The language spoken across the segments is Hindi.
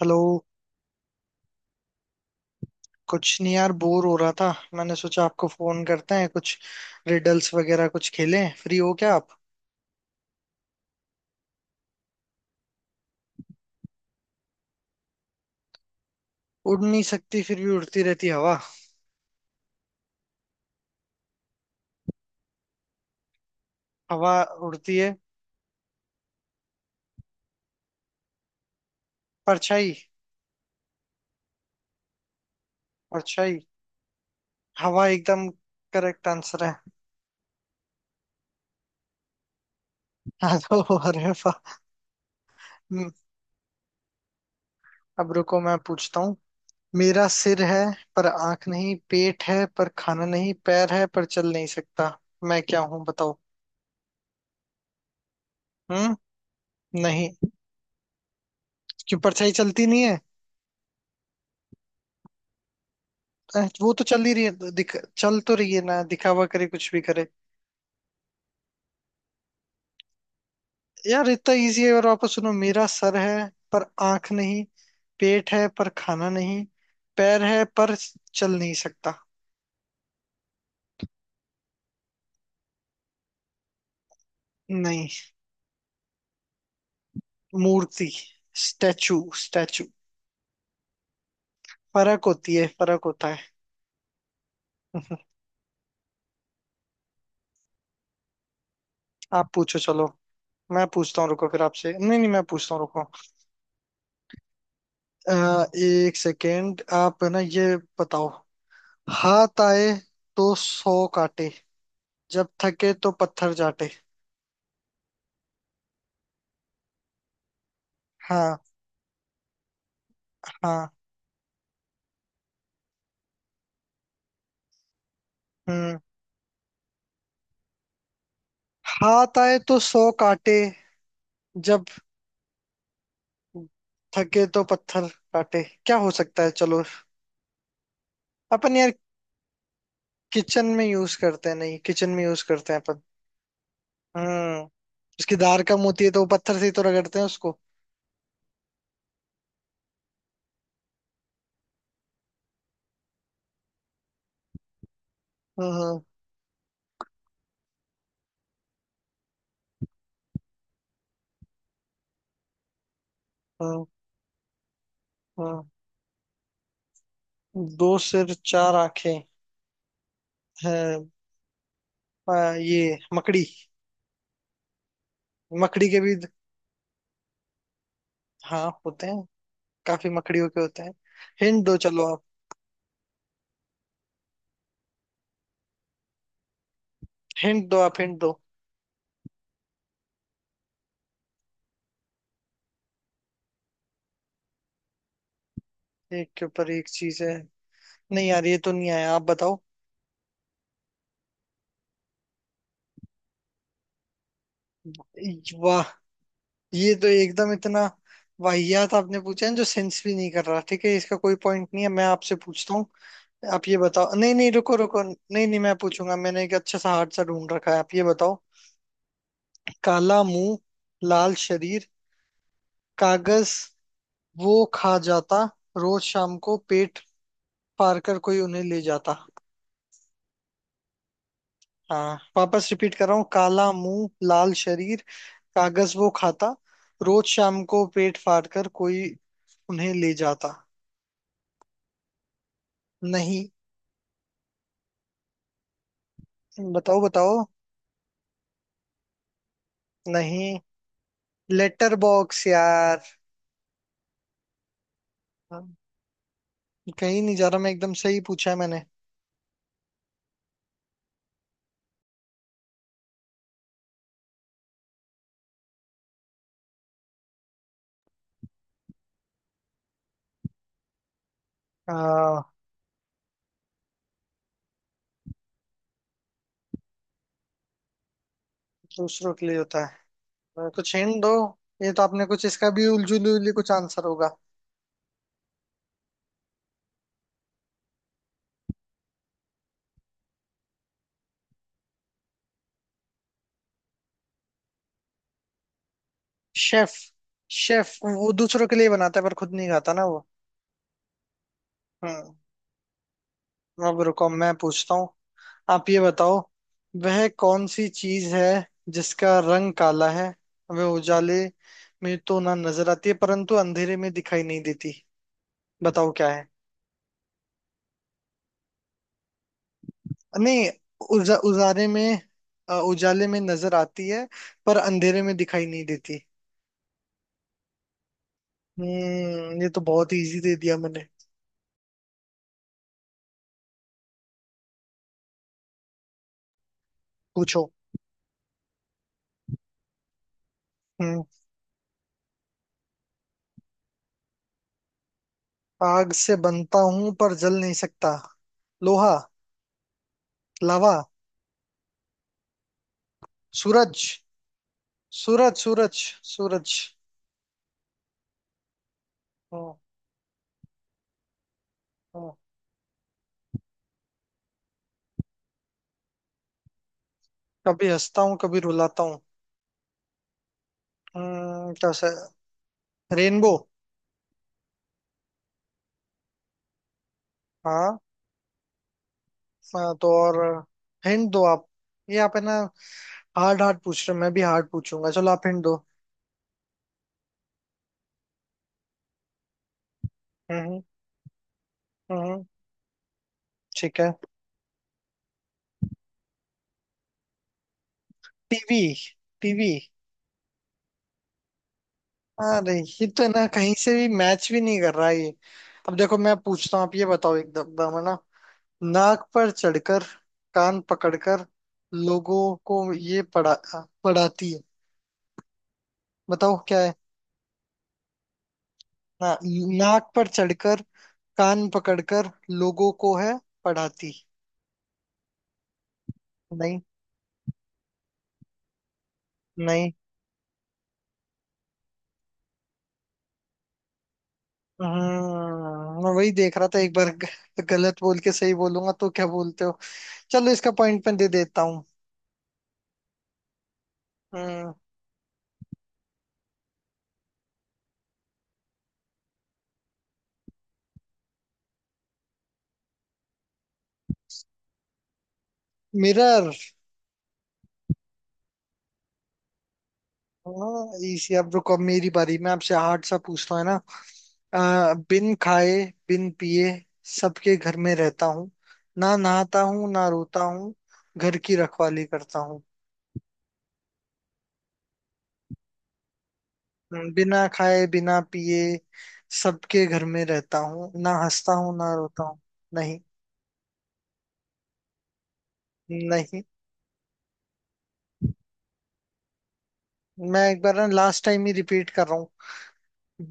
हेलो। कुछ नहीं यार, बोर हो रहा था। मैंने सोचा आपको फोन करते हैं, कुछ रिडल्स वगैरह कुछ खेलें। फ्री हो क्या आप? उड़ नहीं सकती फिर भी उड़ती रहती हवा। हवा उड़ती है। परछाई। परछाई। हवा एकदम करेक्ट आंसर है। हाँ, तो अरे वाह। हम्म, अब रुको, मैं पूछता हूँ। मेरा सिर है पर आंख नहीं, पेट है पर खाना नहीं, पैर है पर चल नहीं सकता। मैं क्या हूँ बताओ। हम्म। नहीं। क्यों? परछाई चलती नहीं है। वो तो चल ही रही है। चल तो रही है ना, दिखावा करे कुछ भी करे। यार इतना इजी है, और वापस सुनो। मेरा सर है पर आंख नहीं, पेट है पर खाना नहीं, पैर है पर चल नहीं सकता। नहीं। मूर्ति। Statue statue. फर्क होती है, फर्क होता है। आप पूछो चलो। मैं पूछता हूँ रुको, फिर आपसे, नहीं नहीं मैं पूछता हूँ रुको। एक सेकेंड। आप है ना, ये बताओ। हाथ आए तो सौ काटे, जब थके तो पत्थर चाटे। हाँ। हाँ। हम्म। हाथ आए तो सौ काटे, जब थके तो पत्थर काटे, क्या हो सकता है चलो। अपन यार किचन में यूज करते हैं, नहीं किचन में यूज करते हैं अपन। हम्म। उसकी धार कम होती है तो वो पत्थर से ही तो रगड़ते हैं उसको। हम्म हम्म हम्म। हम्म। दो सिर, चार आंखें हैं। ये मकड़ी। मकड़ी के भी हाँ होते हैं। काफी मकड़ियों के होते हैं। हिंट दो चलो आप, हिंट दो आप हिंट दो। एक के ऊपर एक चीज है? नहीं यार, ये तो नहीं आया, आप बताओ। वाह। ये तो एकदम इतना वाहियात आपने पूछा है, जो सेंस भी नहीं कर रहा। ठीक है, इसका कोई पॉइंट नहीं है। मैं आपसे पूछता हूँ। आप ये बताओ, नहीं नहीं रुको रुको, नहीं नहीं मैं पूछूंगा। मैंने एक अच्छा सा हार्ड सा ढूंढ रखा है, आप ये बताओ। काला मुंह लाल शरीर, कागज वो खा जाता, रोज शाम को पेट फाड़ कर कोई उन्हें ले जाता। हाँ वापस रिपीट कर रहा हूँ। काला मुंह लाल शरीर, कागज वो खाता, रोज शाम को पेट फाड़ कर कोई उन्हें ले जाता। नहीं। बताओ बताओ। नहीं। लेटर बॉक्स यार। कहीं नहीं जा रहा, मैं एकदम सही पूछा है मैंने। आ, दूसरों के लिए होता है, कुछ हिंट दो। ये तो आपने कुछ इसका भी उलझुली उलझुली कुछ आंसर होगा। शेफ, शेफ वो दूसरों के लिए बनाता है पर खुद नहीं खाता ना वो। हम्म। अब रुको, मैं पूछता हूँ। आप ये बताओ, वह कौन सी चीज है जिसका रंग काला है? वह उजाले में तो ना नजर आती है, परंतु अंधेरे में दिखाई नहीं देती। बताओ क्या है। नहीं। उजा, उजारे में उजाले में नजर आती है पर अंधेरे में दिखाई नहीं देती। ये तो बहुत इजी दे दिया मैंने। पूछो। हम्म। आग से बनता हूं पर जल नहीं सकता। लोहा। लावा। सूरज सूरज सूरज सूरज। हाँ। हाँ। कभी हंसता हूँ, कभी रुलाता हूँ। कैसे? रेनबो। हाँ। हाँ, तो और हिंट दो आप। ये आप है ना हार्ड हार्ड पूछ रहे हो, मैं भी हार्ड पूछूंगा, चलो आप हिंट दो। हम्म हम्म, ठीक है। टीवी। टीवी। अरे ये तो है ना, कहीं से भी मैच भी नहीं कर रहा है ये। अब देखो, मैं पूछता हूँ, आप ये बताओ, एकदम दम है ना। नाक पर चढ़कर, कान पकड़कर, लोगों को ये पढ़ा पढ़ाती है। बताओ क्या है। ना, नाक पर चढ़कर, कान पकड़कर, लोगों को है पढ़ाती। नहीं। नहीं। मैं वही देख रहा था। एक बार गलत बोल के सही बोलूंगा तो क्या बोलते हो। चलो इसका पॉइंट मैं दे देता हूँ। हम्म। मिरर। हाँ इसी। अब रुको, अब मेरी बारी, मैं आपसे हार्ड सा पूछता हूँ है ना। बिन खाए बिन पिए सबके घर में रहता हूँ, ना नहाता हूँ ना रोता हूँ, घर की रखवाली करता हूँ। बिना खाए बिना पिए सबके घर में रहता हूँ, ना हंसता हूँ ना रोता हूँ। नहीं। नहीं। मैं एक बार ना, लास्ट टाइम ही रिपीट कर रहा हूँ।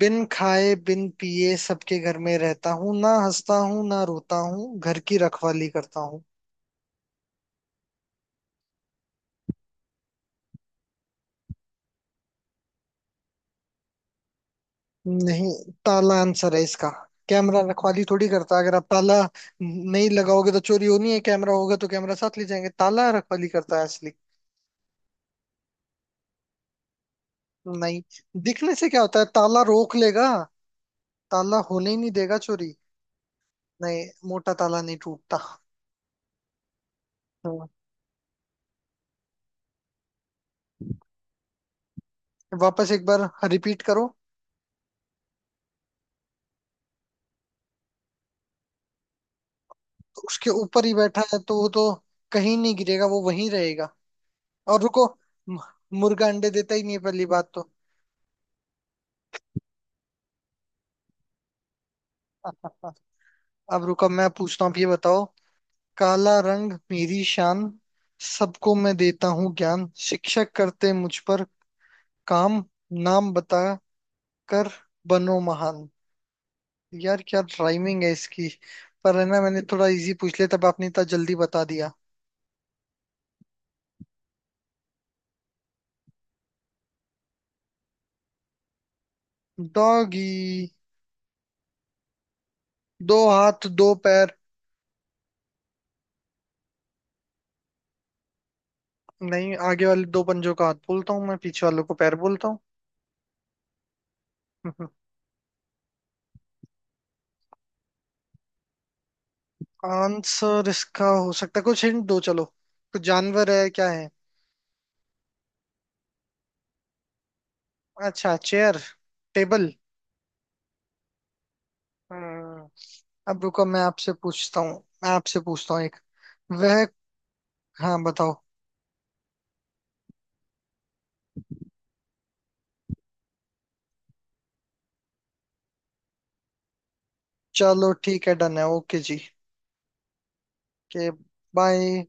बिन खाए बिन पिए सबके घर में रहता हूँ, ना हंसता हूँ ना रोता हूँ, घर की रखवाली करता हूँ। नहीं। ताला आंसर है इसका। कैमरा रखवाली थोड़ी करता, अगर आप ताला नहीं लगाओगे तो चोरी होनी है। कैमरा होगा तो कैमरा साथ ले जाएंगे, ताला रखवाली करता है असली। नहीं, दिखने से क्या होता है? ताला रोक लेगा। ताला होने ही नहीं देगा चोरी। नहीं, मोटा ताला नहीं टूटता। हाँ। वापस एक बार रिपीट करो। तो उसके ऊपर ही बैठा है तो वो तो कहीं नहीं गिरेगा, वो वहीं रहेगा। और रुको, मु- मुर्गा अंडे देता ही नहीं है पहली बात तो। अब रुको, मैं पूछता हूँ, अब ये बताओ। काला रंग मेरी शान, सबको मैं देता हूँ ज्ञान, शिक्षक करते मुझ पर काम, नाम बता कर बनो महान। यार क्या राइमिंग है इसकी। पर है ना, मैंने थोड़ा इजी पूछ लिया तब आपने इतना जल्दी बता दिया। डॉगी। दो हाथ दो पैर। नहीं, आगे वाले दो पंजों का हाथ बोलता हूँ मैं, पीछे वालों को पैर बोलता हूँ। आंसर इसका हो सकता है, कुछ हिंट दो चलो। कुछ जानवर है, क्या है? अच्छा, चेयर, टेबल। हम्म, अब रुको, मैं आपसे पूछता हूँ। मैं आपसे पूछता हूँ एक वह। हाँ बताओ। चलो ठीक है, डन है, ओके जी। के। बाय।